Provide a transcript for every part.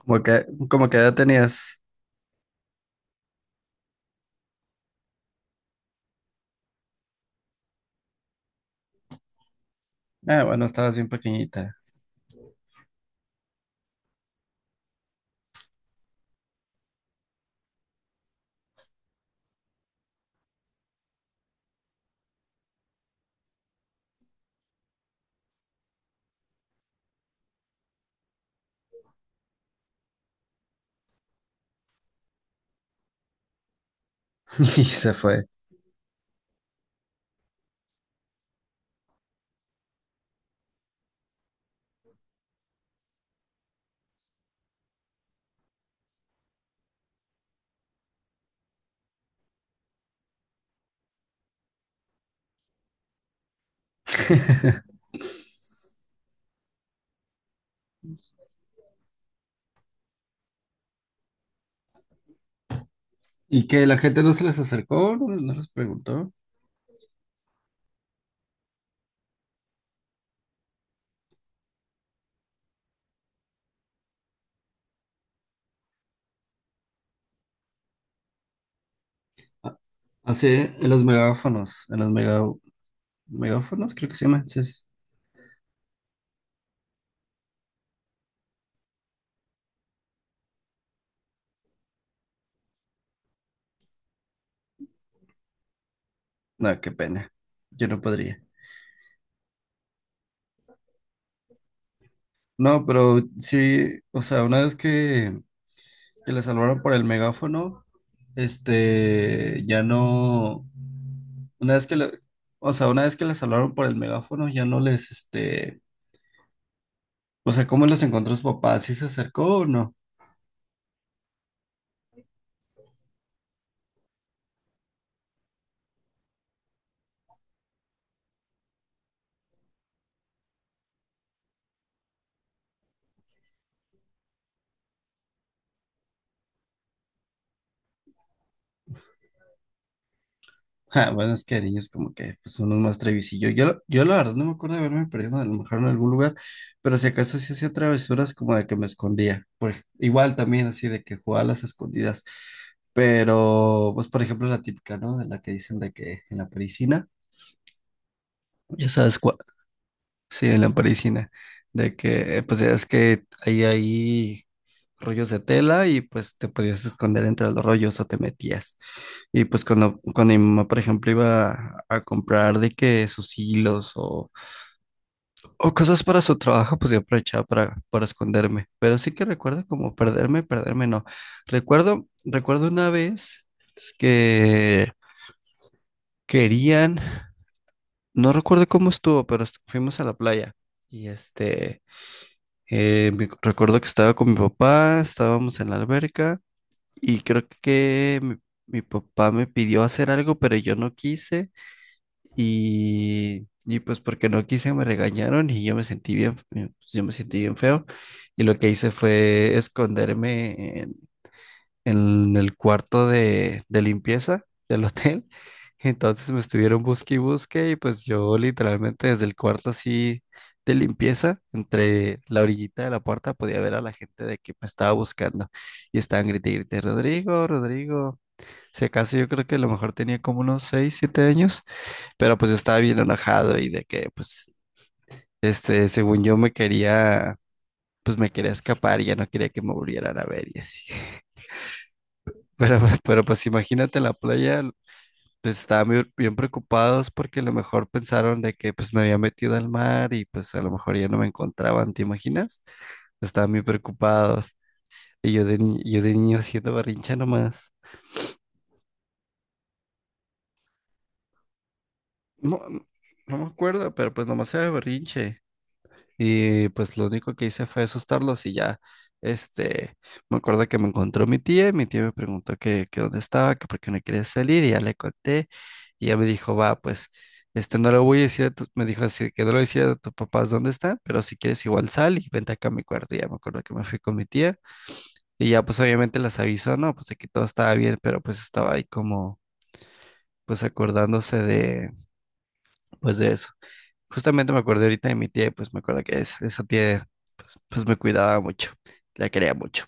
¿Como que, como que edad tenías? Ah, bueno, estabas bien pequeñita. Y se fue. ¿Y que la gente no se les acercó? No, no les preguntó. Ah. Así, en los megáfonos, en los megáfonos, creo que se llaman. Sí, sí. No, qué pena. Yo no podría. No, pero sí, o sea, que le salvaron por el megáfono, este, ya no. Una vez que le, o sea, una vez que les hablaron por el megáfono, ya no les, este, o sea, ¿cómo los encontró su papá? ¿Sí se acercó o no? Ja, bueno, es que de niños como que pues, son unos más trevisillos. Yo la verdad no me acuerdo de haberme perdido a lo mejor en algún lugar, pero si acaso sí hacía travesuras como de que me escondía. Pues igual también así de que jugaba a las escondidas. Pero, pues por ejemplo la típica, ¿no? De la que dicen de que en la parisina. Ya sabes cuál. Sí, en la parisina. De que pues ya es que ahí hay rollos de tela y pues te podías esconder entre los rollos o te metías. Y pues cuando mi mamá, por ejemplo, a comprar de que sus hilos o cosas para su trabajo, pues yo aprovechaba para esconderme. Pero sí que recuerdo como perderme, perderme no. Recuerdo una vez que querían, no recuerdo cómo estuvo, pero fuimos a la playa. Y este, recuerdo que estaba con mi papá, estábamos en la alberca y creo que mi papá me pidió hacer algo, pero yo no quise. Y pues porque no quise me regañaron y yo me sentí bien, yo me sentí bien feo. Y lo que hice fue en el cuarto de limpieza del hotel. Entonces me estuvieron busque y busque y pues yo literalmente desde el cuarto así de limpieza, entre la orillita de la puerta podía ver a la gente de que me estaba buscando. Y estaban grite y grite, Rodrigo, Rodrigo. Si acaso yo creo que a lo mejor tenía como unos 6 7 años. Pero pues yo estaba bien enojado y de que, pues, este, según yo me quería, pues me quería escapar y ya no quería que me volvieran a ver y así. Pero pues imagínate en la playa, pues estaban bien, bien preocupados porque a lo mejor pensaron de que pues me había metido al mar y pues a lo mejor ya no me encontraban, ¿te imaginas? Estaban bien preocupados. Y yo de, yo de niño haciendo berrinche nomás. No, no me acuerdo, pero pues nomás era berrinche. Y pues lo único que hice fue asustarlos y ya, este, me acuerdo que me encontró mi tía y mi tía me preguntó que dónde estaba, que por qué no quería salir y ya le conté y ella me dijo, va, pues, este, no lo voy a decir a tus, me dijo así, que no lo decía a tus papás dónde están, pero si quieres igual sal y vente acá a mi cuarto. Y ya me acuerdo que me fui con mi tía y ya pues obviamente las avisó, no, pues aquí todo estaba bien, pero pues estaba ahí como, pues acordándose de, pues de eso. Justamente me acuerdo ahorita de mi tía, y pues me acuerdo que esa tía, pues me cuidaba mucho, la quería mucho,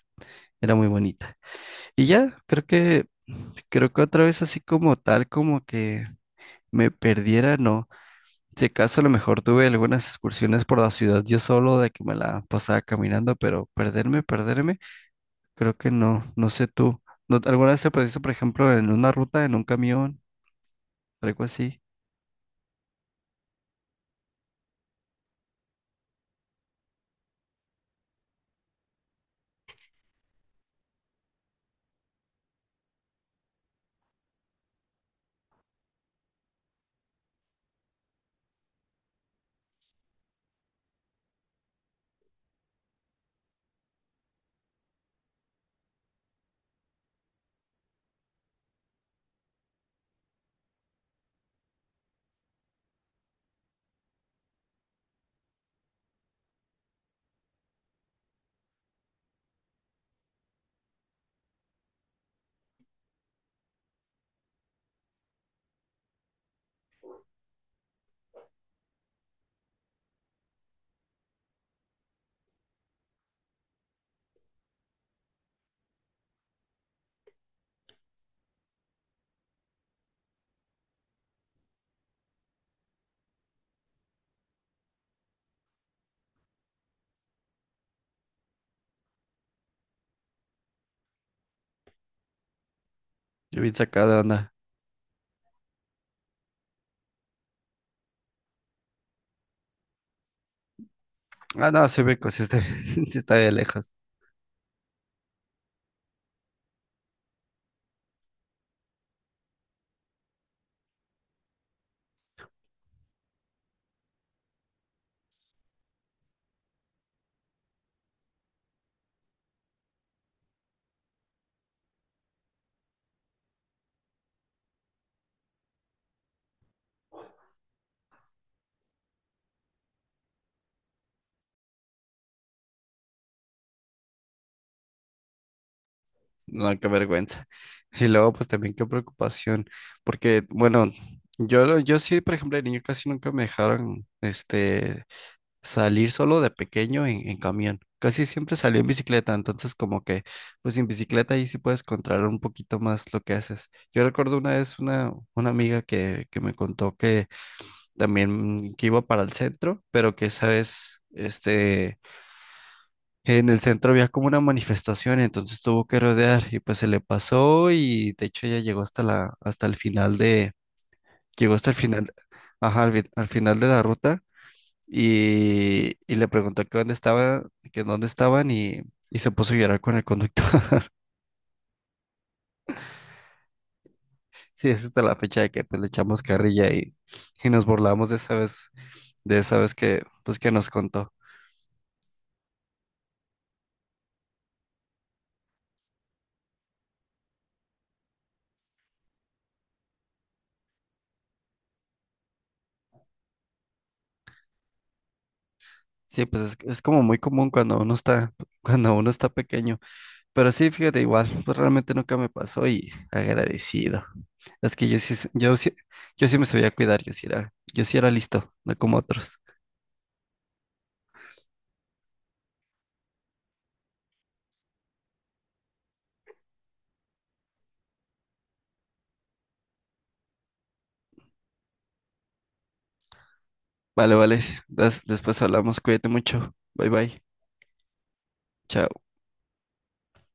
era muy bonita. Y ya, creo que otra vez así como tal, como que me perdiera, no. Si acaso a lo mejor tuve algunas excursiones por la ciudad yo solo, de que me la pasaba caminando, pero perderme, perderme, creo que no, no sé tú. Alguna vez te perdiste, por ejemplo, en una ruta, en un camión, algo así? Yo bien sacada, de onda. Ah, no, sí está, sí está de lejos. No, qué vergüenza. Y luego, pues también qué preocupación, porque, bueno, yo, yo sí, por ejemplo, de niño casi nunca me dejaron, este, salir solo de pequeño en camión. Casi siempre salí en bicicleta, entonces como que, pues en bicicleta ahí sí puedes controlar un poquito más lo que haces. Yo recuerdo una vez una amiga que me contó que también que iba para el centro, pero que esa vez, este... En el centro había como una manifestación, entonces tuvo que rodear y pues se le pasó y de hecho ella llegó hasta el final de, llegó hasta el final, ajá, al final de la ruta y le preguntó que dónde estaba, que dónde estaban y se puso a llorar con el conductor. Sí, es hasta la fecha de que pues le echamos carrilla y nos burlamos de esa vez que pues que nos contó. Sí, pues es como muy común cuando uno está pequeño. Pero sí, fíjate, igual, pues realmente nunca me pasó y agradecido. Es que yo sí, yo sí me sabía cuidar, yo sí era listo, no como otros. Vale, vale, después hablamos, cuídate mucho, bye bye, chao.